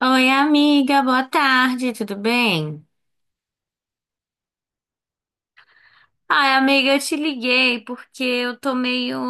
Oi, amiga, boa tarde, tudo bem? Ai, amiga, eu te liguei porque eu tô meio.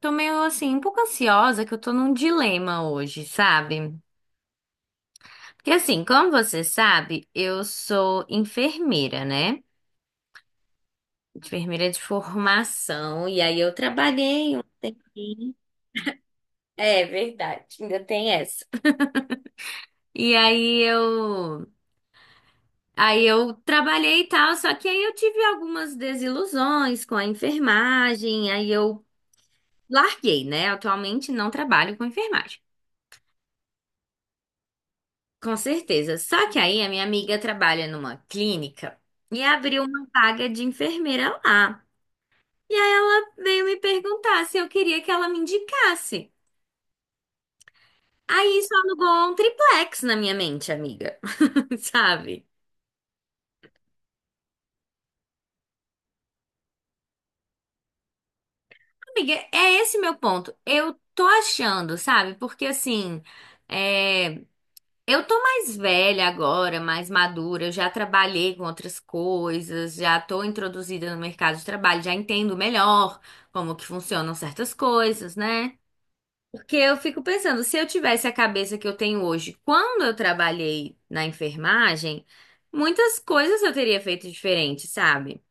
Tô meio assim, um pouco ansiosa, que eu tô num dilema hoje, sabe? Porque assim, como você sabe, eu sou enfermeira, né? Enfermeira de formação, e aí eu trabalhei. É verdade, ainda tem essa. E aí eu. Aí eu trabalhei e tal, só que aí eu tive algumas desilusões com a enfermagem, aí eu larguei, né? Atualmente não trabalho com enfermagem. Com certeza. Só que aí a minha amiga trabalha numa clínica e abriu uma vaga de enfermeira lá. E aí ela veio me perguntar se eu queria que ela me indicasse. Aí isso alugou um triplex na minha mente, amiga. Sabe? Amiga, é esse meu ponto. Eu tô achando, sabe? Porque assim, é. Eu tô mais velha agora, mais madura, eu já trabalhei com outras coisas, já tô introduzida no mercado de trabalho, já entendo melhor como que funcionam certas coisas, né? Porque eu fico pensando, se eu tivesse a cabeça que eu tenho hoje, quando eu trabalhei na enfermagem, muitas coisas eu teria feito diferente, sabe?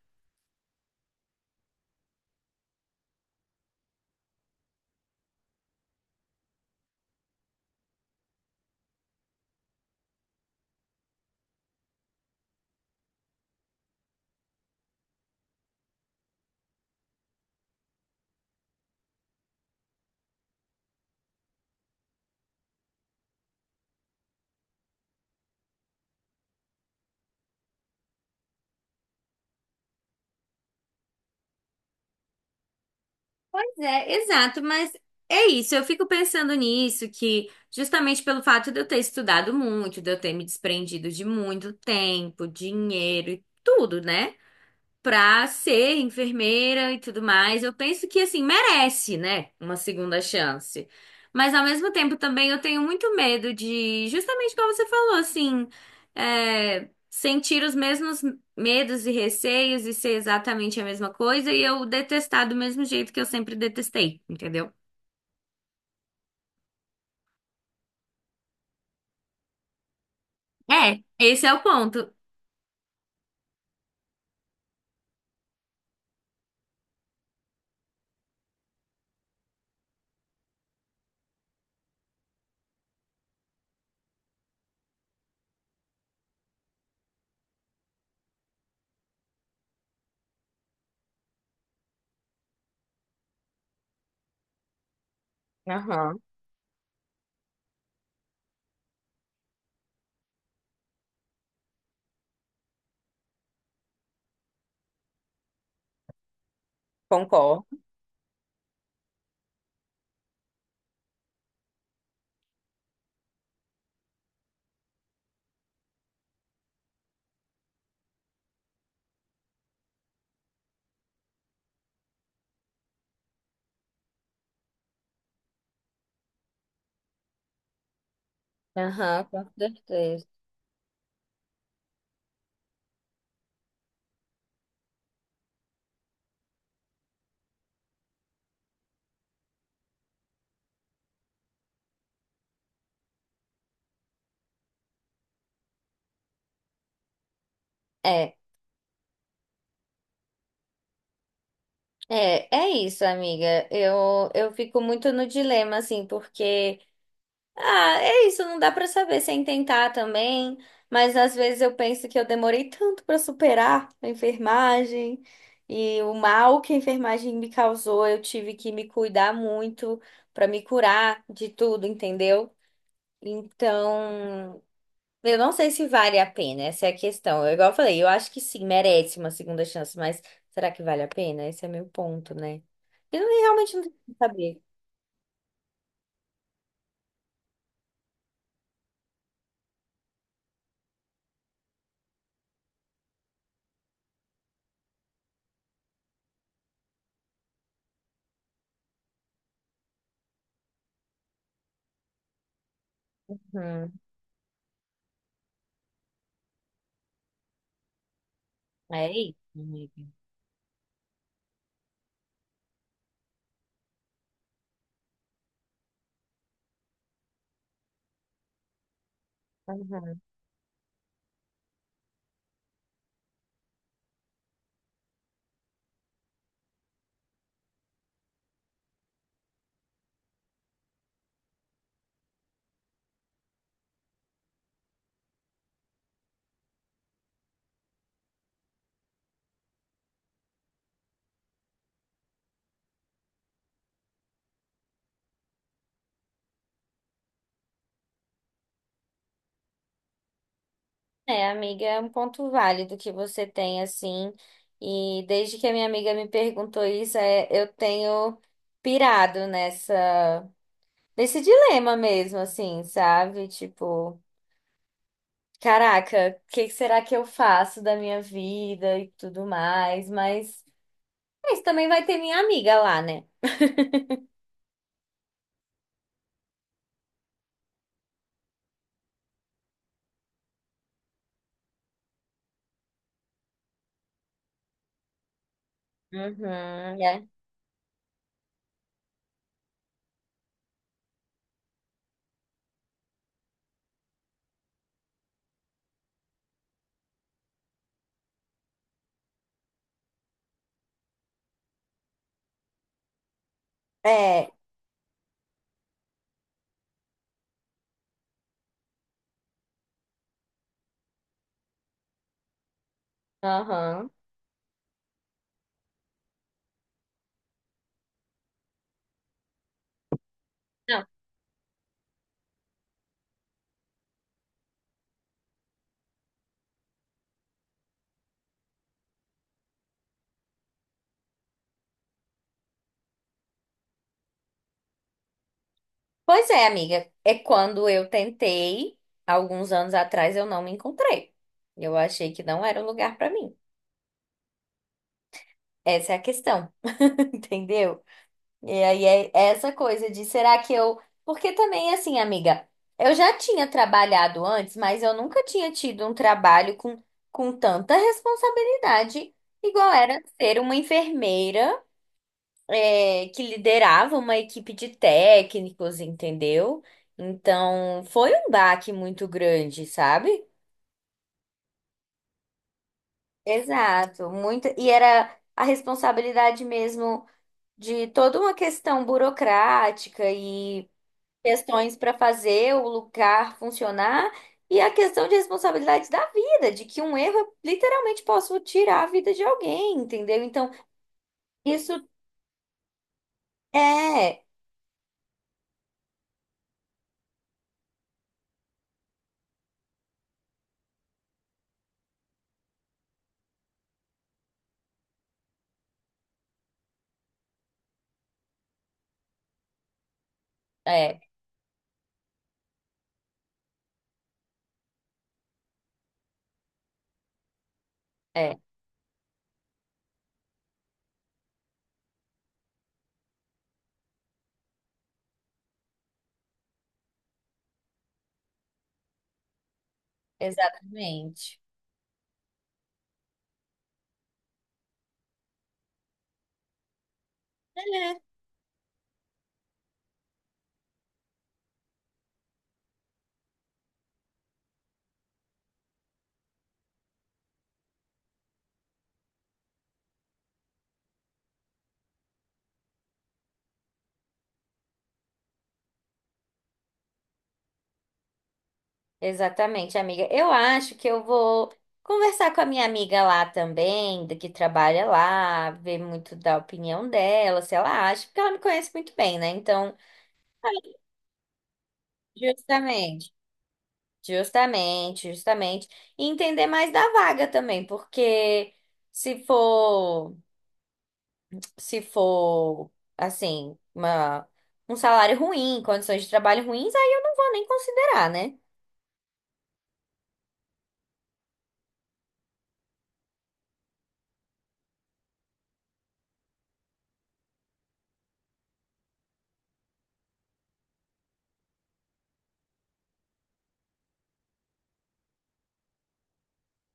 É, exato, mas é isso. Eu fico pensando nisso, que justamente pelo fato de eu ter estudado muito, de eu ter me desprendido de muito tempo, dinheiro e tudo, né? Pra ser enfermeira e tudo mais. Eu penso que, assim, merece, né? Uma segunda chance. Mas, ao mesmo tempo, também eu tenho muito medo de, justamente como você falou, assim, é, sentir os mesmos medos e receios e ser exatamente a mesma coisa e eu detestar do mesmo jeito que eu sempre detestei, entendeu? É, esse é o ponto. Aham, concordo. Aham, com certeza. É. É, é isso, amiga. Eu fico muito no dilema, assim, porque, ah, é isso, não dá pra saber sem tentar também, mas às vezes eu penso que eu demorei tanto pra superar a enfermagem e o mal que a enfermagem me causou, eu tive que me cuidar muito pra me curar de tudo, entendeu? Então. Eu não sei se vale a pena, essa é a questão. Eu, igual eu falei, eu acho que sim, merece uma segunda chance, mas será que vale a pena? Esse é meu ponto, né? Eu não- Realmente não tenho como saber. Uhum. É isso, amiga. Uhum. É, amiga, é um ponto válido que você tem, assim. E desde que a minha amiga me perguntou isso, é, eu tenho pirado nessa, nesse dilema mesmo, assim, sabe? Tipo. Caraca, o que será que eu faço da minha vida e tudo mais? Mas também vai ter minha amiga lá, né? Uhum, é. É, aham. Não. Pois é, amiga. É quando eu tentei, alguns anos atrás, eu não me encontrei. Eu achei que não era o lugar pra mim. Essa é a questão, entendeu? E aí é essa coisa de será que eu. Porque também, assim, amiga, eu já tinha trabalhado antes, mas eu nunca tinha tido um trabalho com tanta responsabilidade, igual era ser uma enfermeira, é, que liderava uma equipe de técnicos, entendeu? Então, foi um baque muito grande, sabe? Exato, muito. E era a responsabilidade mesmo de toda uma questão burocrática e. Questões para fazer o lugar funcionar e a questão de responsabilidade da vida, de que um erro literalmente posso tirar a vida de alguém, entendeu? Então, isso é, é, é, exatamente. É, exatamente, amiga. Eu acho que eu vou conversar com a minha amiga lá também, da que trabalha lá, ver muito da opinião dela, se ela acha, porque ela me conhece muito bem, né? Então, é, justamente. Justamente, justamente. E entender mais da vaga também, porque se for, se for, assim, uma, um salário ruim, condições de trabalho ruins, aí eu não vou nem considerar, né?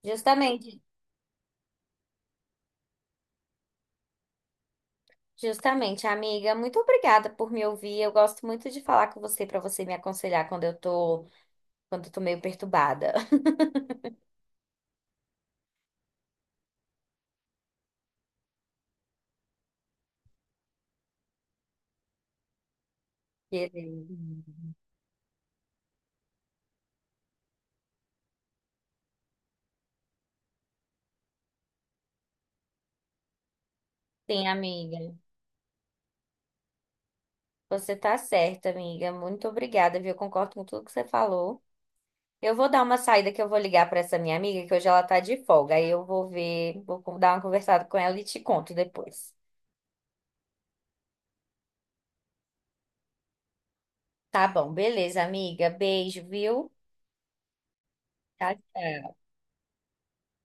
Justamente, justamente, amiga. Muito obrigada por me ouvir. Eu gosto muito de falar com você para você me aconselhar quando eu tô meio perturbada. Beleza. Sim, amiga. Você tá certa, amiga. Muito obrigada, viu? Eu concordo com tudo que você falou. Eu vou dar uma saída que eu vou ligar para essa minha amiga, que hoje ela tá de folga. Aí eu vou ver, dar uma conversada com ela e te conto depois. Tá bom, beleza, amiga. Beijo, viu? Tchau, tchau.